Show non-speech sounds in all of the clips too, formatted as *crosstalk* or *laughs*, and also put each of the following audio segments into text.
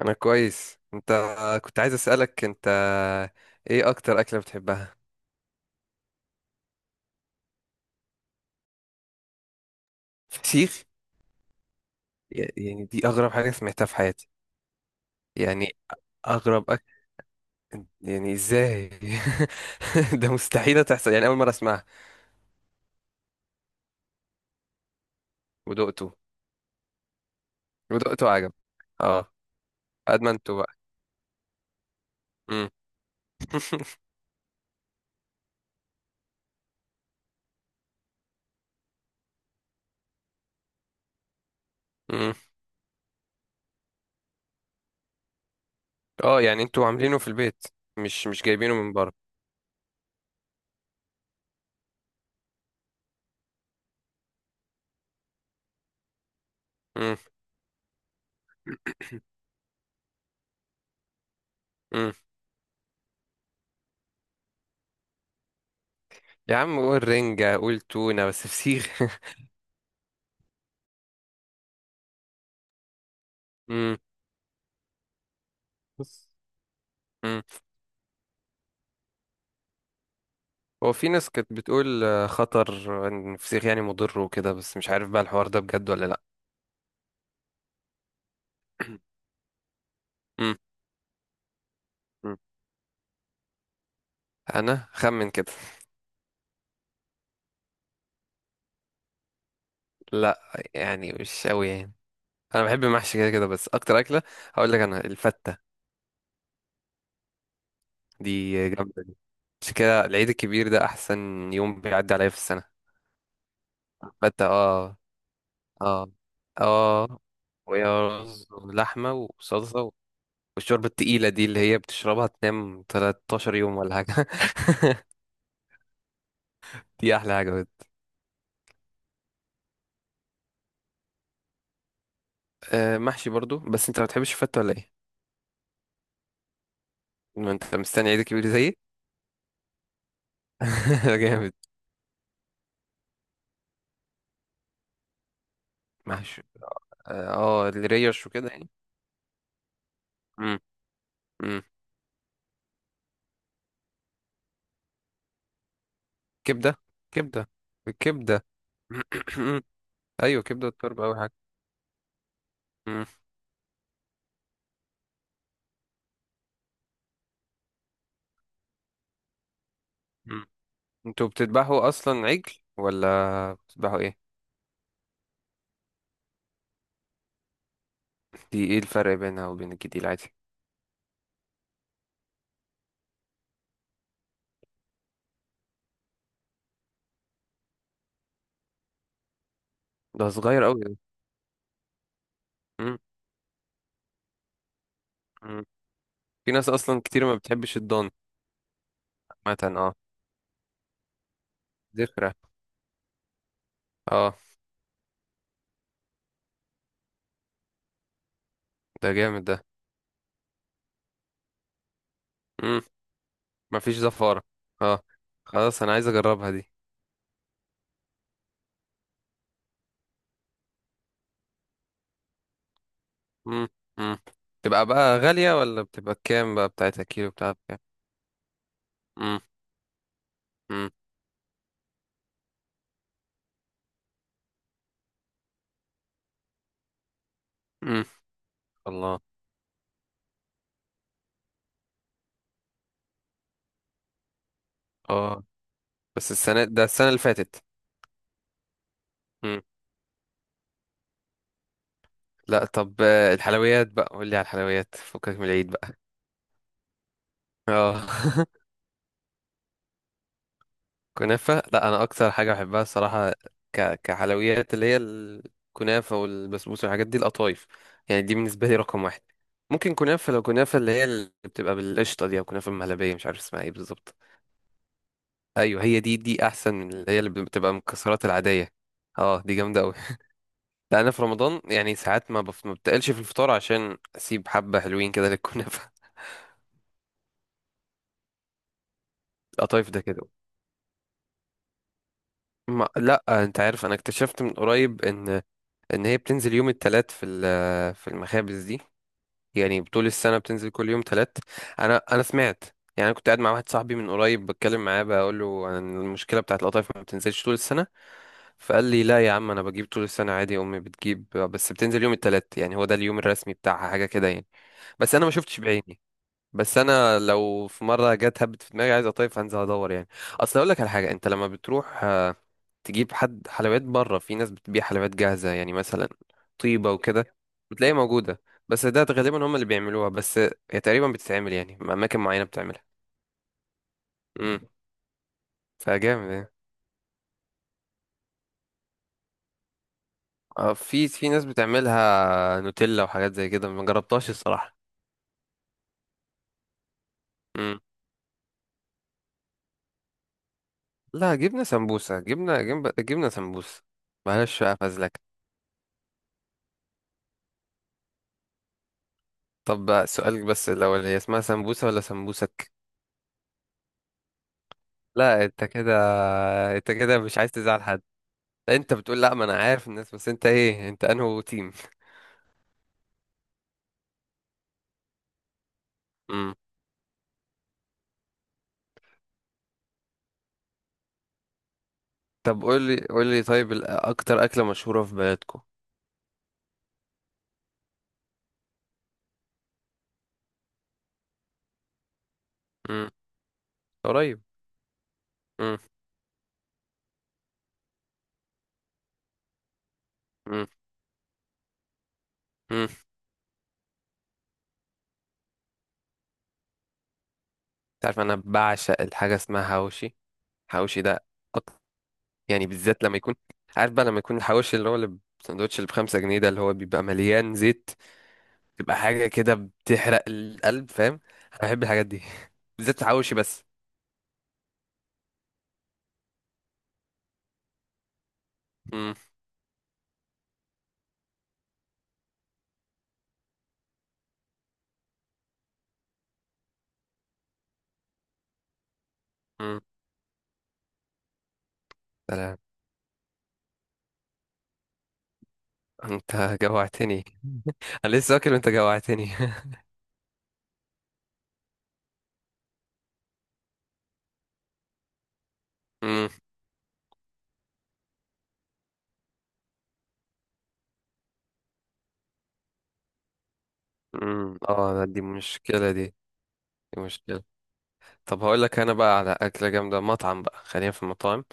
انا كويس. انت، كنت عايز اسالك انت، ايه اكتر اكله بتحبها؟ فسيخ؟ يعني دي اغرب حاجه سمعتها في حياتي. يعني اغرب اكل. يعني ازاي؟ *laughs* ده مستحيله تحصل، يعني اول مره اسمعها. ودقته؟ ودقته عجب؟ اه. ادمنته بقى؟ مم. *laughs* مم. اه، يعني انتوا عاملينه في البيت؟ مش جايبينه من بره؟ مم. مم. يا عم قول رنجه، قول تونه، بس فسيخ؟ *laughs* مم. هو في ناس كانت بتقول خطر ان الفسيخ يعني مضر وكده، بس مش عارف بقى الحوار ده بجد ولا لا. مم. مم. انا خمن كده. لا، يعني مش قوي يعني. انا بحب المحشي كده كده، بس اكتر اكله هقول لك انا الفته. دي جامده دي. مش كده؟ العيد الكبير ده احسن يوم بيعدي عليا في السنه. فته، اه. اه. اه. ويا رز ولحمه وصلصه. والشوربه التقيله دي اللي هي بتشربها تنام 13 يوم ولا حاجه. *laughs* دي احلى حاجه. آه، محشي برضو، بس انت ما بتحبش الفتة ولا ايه؟ ما انت مستني عيد كبير زيي. *laughs* ده جامد. محشي، اه. آه، الريش وكده يعني. مم. مم. كبدة. كبدة. الكبدة. *clears throat* ايوه، كبدة والطرب اول حاجة. مم. مم. انتوا بتذبحوا اصلا عجل ولا بتذبحوا ايه؟ دي ايه الفرق بينها وبين الجديد العادي؟ ده صغير قوي ده. مم. مم. في ناس اصلا كتير ما بتحبش الضان. مثلا، اه. ذكرى. اه، ده جامد ده. مفيش زفارة. اه، خلاص انا عايز اجربها دي. مم. مم. تبقى بقى غالية ولا بتبقى كام بقى؟ بتاعتها كيلو بتاعها بكام؟ مم. مم. مم. الله. اه، بس السنة ده؟ السنة اللي فاتت؟ مم. لا طب، الحلويات بقى، قول لي على الحلويات، فكك من العيد بقى. اه. *laughs* كنافة؟ لا، انا اكتر حاجة بحبها الصراحة. كحلويات اللي هي الكنافة والبسبوسة والحاجات دي، القطايف. يعني دي بالنسبة لي رقم واحد. ممكن كنافة، لو كنافة اللي هي اللي بتبقى بالقشطة دي، او كنافة مهلبية، مش عارف اسمها ايه بالظبط. ايوه، هي دي. دي احسن من اللي هي اللي بتبقى مكسرات العادية. اه، دي جامدة اوي. لا، انا في رمضان يعني ساعات ما بتقلش في الفطار عشان اسيب حبة حلوين كده للكنافة. *laughs* القطايف ده كده. ما... لا، انت عارف انا اكتشفت من قريب ان هي بتنزل يوم التلات في المخابز دي. يعني طول السنة بتنزل كل يوم تلات. أنا سمعت. يعني أنا كنت قاعد مع واحد صاحبي من قريب بتكلم معاه، بقول له عن المشكلة بتاعت القطايف ما بتنزلش طول السنة. فقال لي لا يا عم، أنا بجيب طول السنة عادي، أمي بتجيب، بس بتنزل يوم التلات، يعني هو ده اليوم الرسمي بتاعها، حاجة كده يعني. بس أنا ما شفتش بعيني. بس أنا لو في مرة جت هبت في دماغي عايز قطايف هنزل أدور يعني. أصل أقول لك على حاجة، أنت لما بتروح تجيب حد حلويات بره، في ناس بتبيع حلويات جاهزة يعني، مثلا طيبة وكده، بتلاقيها موجودة. بس ده غالبا هم اللي بيعملوها بس، هي تقريبا بتتعمل يعني أماكن معينة بتعملها. امم. فجامد يعني. اه، في ناس بتعملها نوتيلا وحاجات زي كده، ما جربتهاش الصراحة. امم. لا، جبنة سمبوسة، جبنة جبنة جبنة سمبوسة. معلش بقى، فازلك. طب بقى سؤالك بس، الأول هي اسمها سمبوسة ولا سمبوسك لا انت كده انت كده مش عايز تزعل حد انت بتقول لا ما انا عارف الناس بس انت ايه انت انهو تيم امم طب قول لي قول لي طيب اكتر اكله مشهوره في بلدكم؟ امم. قريب. امم. امم. امم. انت عارف انا بعشق الحاجه اسمها حواوشي. حواوشي ده. أك... يعني بالذات لما يكون. عارف بقى لما يكون الحواوشي اللي هو اللي الساندوتش اللي بخمسة جنيه ده اللي هو بيبقى مليان زيت. تبقى حاجه كده بتحرق القلب، فاهم. انا بحب الحاجات دي. *laughs* بالذات الحواوشي بس. امم. امم. سلام. انت جوعتني. انا لسه واكل وانت جوعتني. *laughs* امم. اه لا، دي مشكلة دي. دي مشكلة. طب هقول لك انا بقى على أكلة جامدة، مطعم بقى، خلينا في المطاعم.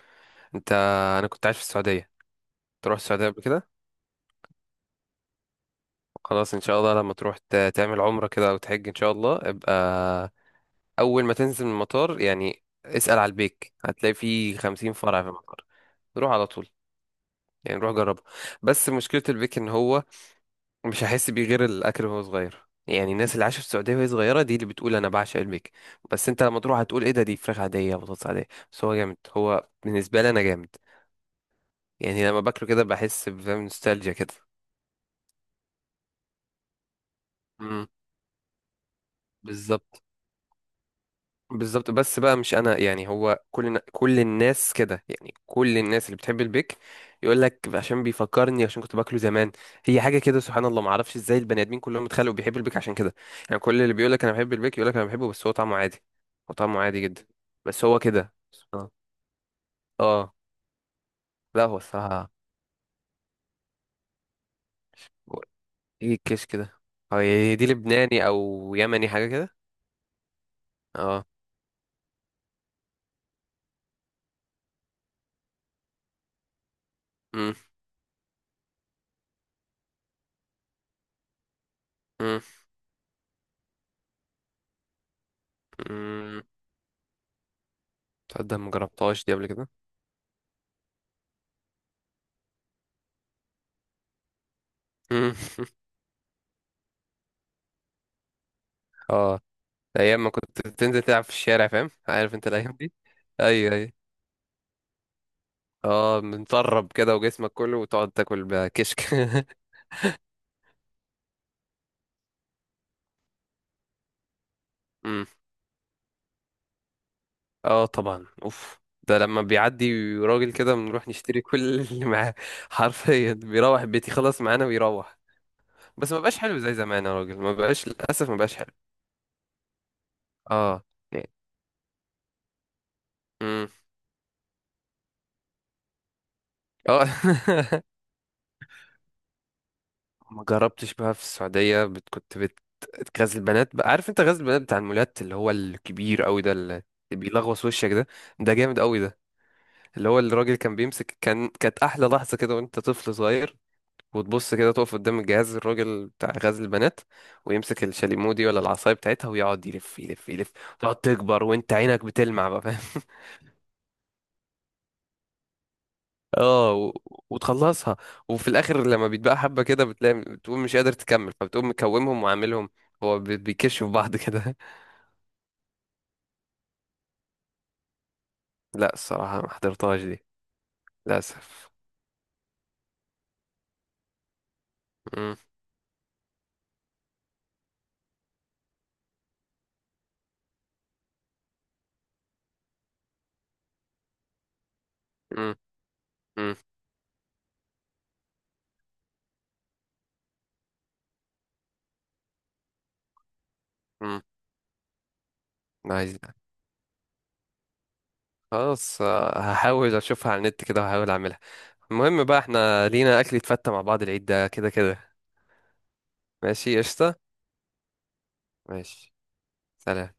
انت، انا كنت عايش في السعودية. تروح السعودية قبل كده؟ خلاص ان شاء الله لما تروح تعمل عمرة كده او تحج ان شاء الله ابقى. اول ما تنزل من المطار يعني، اسأل على البيك، هتلاقي فيه خمسين فرع في المطار. روح على طول. يعني روح جربه. بس مشكلة البيك ان هو مش هحس بيه غير الاكل وهو صغير، يعني الناس اللي عاشت في السعوديه وهي صغيره دي اللي بتقول انا بعشق البيك. بس انت لما تروح هتقول ايه ده، دي فراخ عاديه بطاطس عاديه، بس هو جامد، هو بالنسبه لي انا جامد. يعني لما باكله كده بحس بفهم نوستالجيا كده. امم. بالظبط. بالظبط. بس بقى مش انا يعني، هو كل الناس كده يعني، كل الناس اللي بتحب البيك. يقول لك عشان بيفكرني، عشان كنت باكله زمان. هي حاجه كده سبحان الله، ما اعرفش ازاي البني ادمين كلهم اتخلقوا بيحبوا البيك عشان كده. يعني كل اللي بيقول لك انا بحب البيك يقول لك انا بحبه بس هو طعمه عادي. هو طعمه عادي جدا. بس هو كده سبحان الله. اه. لا هو الصراحه. هو- ايه الكيش كده؟ هو هي دي لبناني او يمني حاجه كده؟ اه. امم. امم. أمم. تصدق ما جربتهاش دي قبل كده. امم. اه. ايام ما كنت تنزل تلعب في الشارع، فاهم؟ عارف انت الايام دي. ايوه، ايوه. اه، متطرب كده وجسمك كله، وتقعد تاكل بكشك. *laughs* امم. اه طبعا، اوف. ده لما بيعدي راجل كده، بنروح نشتري كل اللي معاه. حرفيا بيروح بيتي خلاص معانا ويروح. بس ما بقاش حلو زي زمان يا راجل، ما بقاش للاسف، ما بقاش حلو. اه، يعني. امم. اه. *laughs* ما جربتش بقى في السعودية كنت غزل البنات بقى، عارف انت غزل البنات بتاع المولات اللي هو الكبير قوي ده اللي بيلغوص وشك ده. ده جامد قوي ده. اللي هو الراجل كان بيمسك، كانت احلى لحظة كده وانت طفل صغير، وتبص كده تقف قدام الجهاز، الراجل بتاع غزل البنات، ويمسك الشاليمو دي ولا العصاية بتاعتها، ويقعد يلف يلف يلف. تقعد تكبر وانت عينك بتلمع بقى، فاهم. اه. وتخلصها. وفي الاخر لما بيتبقى حبه كده، بتلاقي بتقوم مش قادر تكمل، فبتقوم مكومهم وعاملهم. هو بيكشوا في بعض كده. *laughs* لا الصراحه ما حضرتهاش دي. للاسف. مم. مم. مم. مم. عايز. خلاص، هحاول اشوفها على النت كده وهحاول اعملها. المهم بقى، احنا لينا اكل يتفتى مع بعض العيد ده كده كده. ماشي، قشطه. ماشي. سلام.